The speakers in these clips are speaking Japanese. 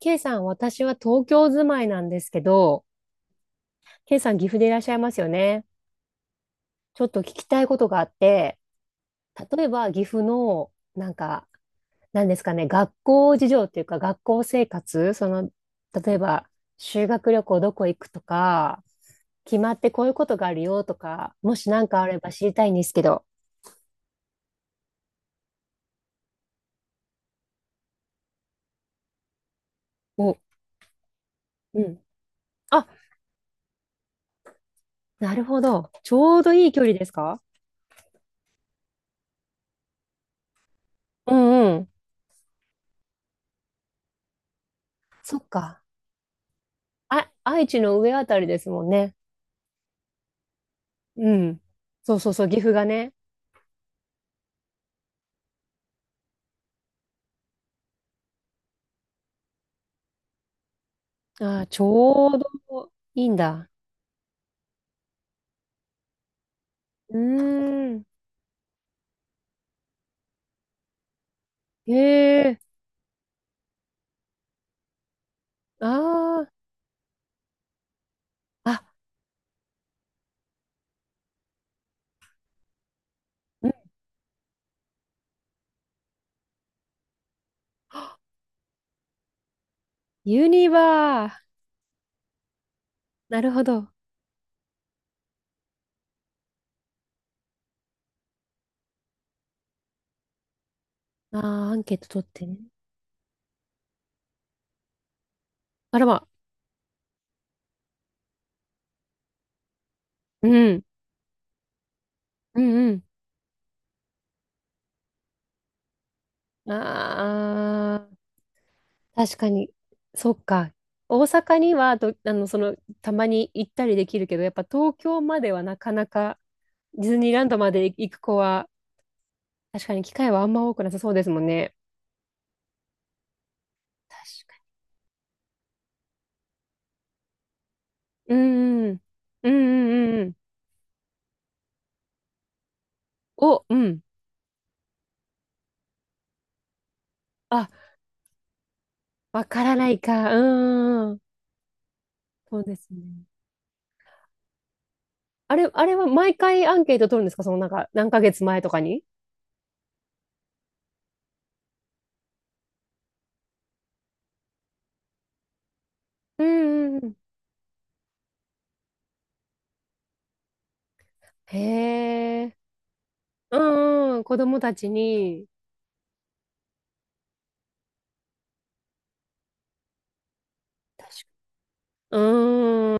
K さん、私は東京住まいなんですけど、K さん、岐阜でいらっしゃいますよね。ちょっと聞きたいことがあって、例えば岐阜の、なんか、なんですかね、学校事情っていうか、学校生活、例えば、修学旅行どこ行くとか、決まってこういうことがあるよとか、もし何かあれば知りたいんですけど。お、うん。あ、なるほど。ちょうどいい距離ですか？うんうん。そっか。あ、愛知の上あたりですもんね。うん。そうそうそう、岐阜がね。ああ、ちょうどいいんだ。うーん。へえ。ああ。あ、うん。ユニバー。なるほど。ああ、アンケート取ってね。あらま。うん。うんうん。ああ、確かに。そっか。大阪にはどあの、その、たまに行ったりできるけど、やっぱ東京まではなかなか、ディズニーランドまで行く子は、確かに機会はあんま多くなさそうですもんね。うんうん。うんうんうんうん。お、うん。あ、わからないか。うんうん。そうですね。あれ、あれは毎回アンケート取るんですか？そのなんか、何ヶ月前とかに。うんうんうん。へえ。うんうん。子供たちに。確かうん。あ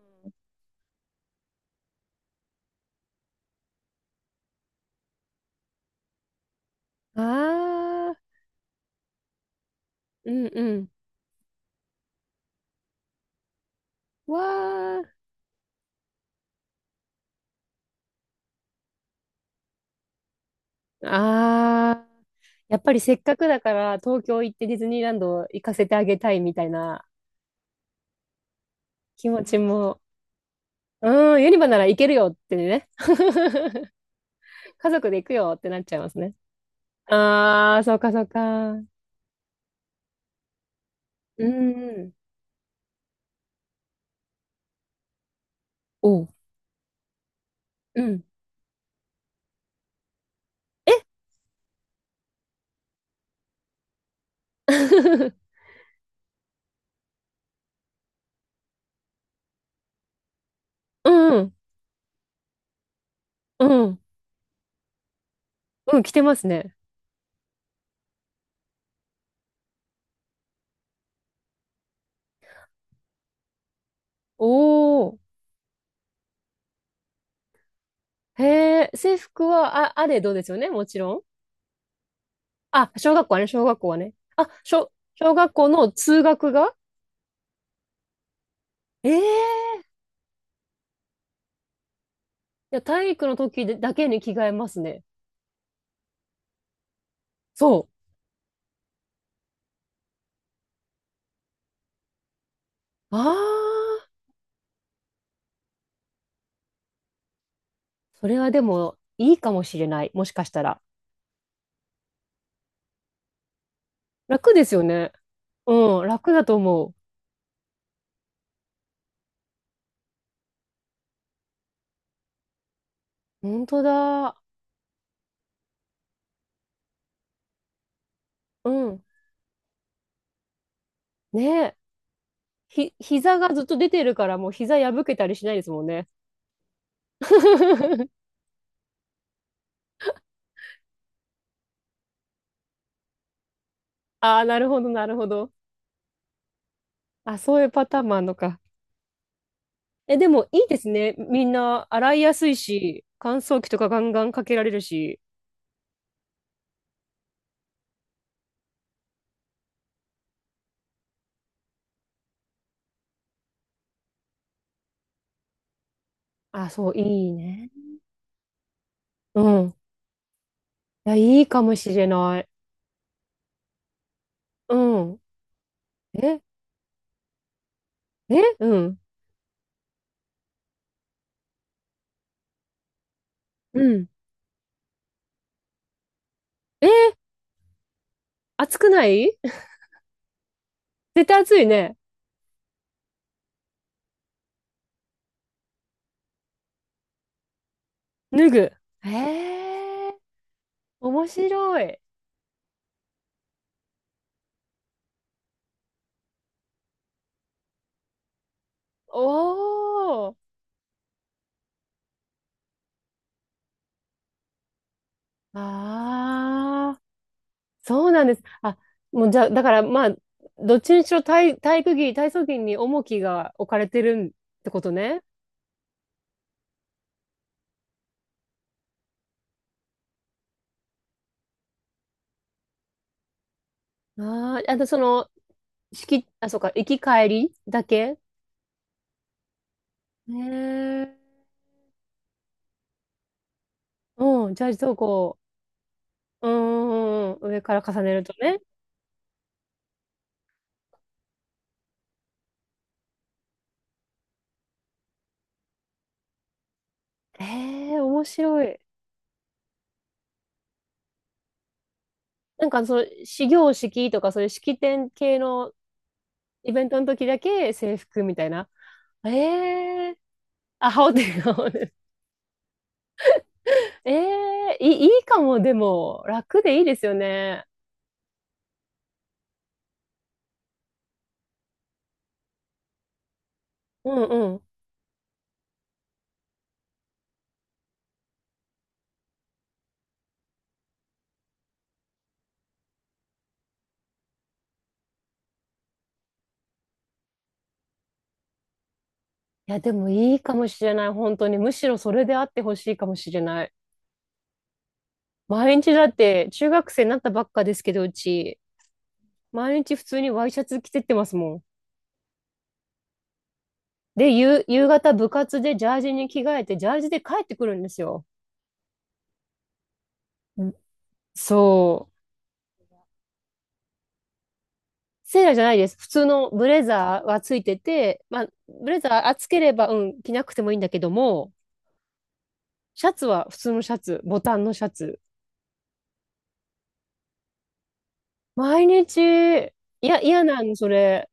あ。うんうん。わあ。ああ。やっぱりせっかくだから東京行ってディズニーランド行かせてあげたいみたいな気持ちも。うん。ユニバなら行けるよってね。家族で行くよってなっちゃいますね。ああ、そうかそうか。うんうん。おう。うん。え。 うんうんうん。うん、着てますね。おお。へえ、制服は、あ、あれどうですよね、もちろん。あ、小学校はね、小学校はね。小学校の通学が。ええー。いや、体育の時だけに着替えますね。そう。ああ、それはでもいいかもしれない。もしかしたら。楽ですよね。うん、楽だと思う。本当だ。うん。ねえ。膝がずっと出てるから、もう膝破けたりしないですもんね。ああ、なるほど、なるほど。あ、そういうパターンもあるのか。え、でもいいですね。みんな洗いやすいし、乾燥機とかガンガンかけられるし。あ、そう、いいね。うん。いや、いいかもしれない。うん。え、え、うん。うん。えー、暑くない？ 絶対暑いね。脱ぐ。へえ。面白い。おー。ああ。そうなんです。あ、もうじゃあ、だからまあ、どっちにしろ体育着、体操着に重きが置かれてるってことね。ああ、あとその、あ、そうか、行き帰りだけね。え。うん、じゃあ、そうこう、うんうんうん、上から重ねるとね。ええ、面白い。なんかその、始業式とか、そういう式典系のイベントの時だけ制服みたいな。ええ、あ、羽織ってる、ええーいい、いいかも、でも、楽でいいですよね。うんうん。いや、でもいいかもしれない、本当に。むしろそれであってほしいかもしれない。毎日だって、中学生になったばっかですけど、うち、毎日普通にワイシャツ着てってますもん。で、夕方部活でジャージに着替えて、ジャージで帰ってくるんですよ。ん。そう。セーラーじゃないです。普通のブレザーはついてて、まあ、ブレザー暑ければ、うん、着なくてもいいんだけども、シャツは普通のシャツ、ボタンのシャツ。毎日、いや、嫌なんそれ。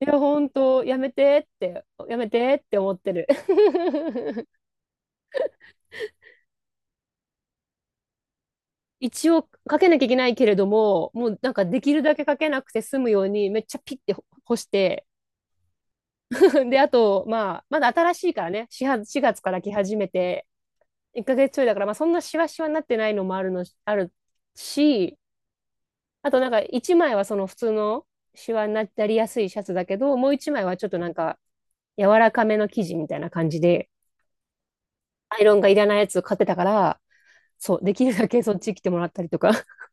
いや、ほんと、やめてって、やめてって思ってる。一応、かけなきゃいけないけれども、もうなんかできるだけかけなくて済むように、めっちゃピッて干して、で、あと、まあ、まだ新しいからね、4月、4月から来始めて、1ヶ月ちょいだから、まあ、そんなシワシワになってないのもあるの、あるし、あとなんか、1枚はその普通のシワになりやすいシャツだけど、もう1枚はちょっとなんか、柔らかめの生地みたいな感じで、アイロンがいらないやつを買ってたから、そう、できるだけそっち来てもらったりとか。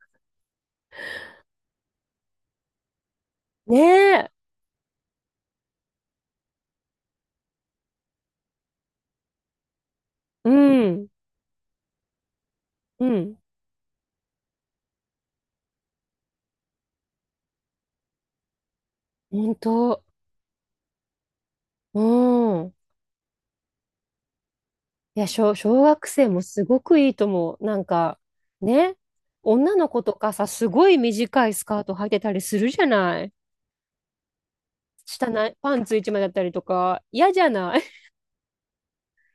ねえ。うん。うん。本当。うん。いや、小学生もすごくいいと思う。なんか、ね。女の子とかさ、すごい短いスカート履いてたりするじゃない。下ない、パンツ一枚だったりとか、嫌じゃない？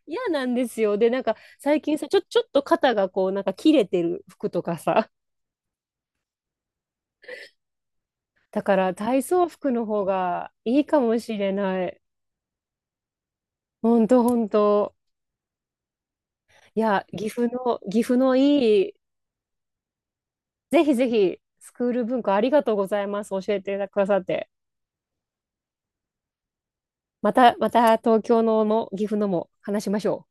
嫌なんですよ。で、なんか、最近さ、ちょっと肩がこう、なんか切れてる服とかさ。だから、体操服の方がいいかもしれない。本当本当。いや、岐阜の、岐阜のいい、ぜひぜひ、スクール文化ありがとうございます。教えてくださって。また、また東京のも岐阜のも話しましょう。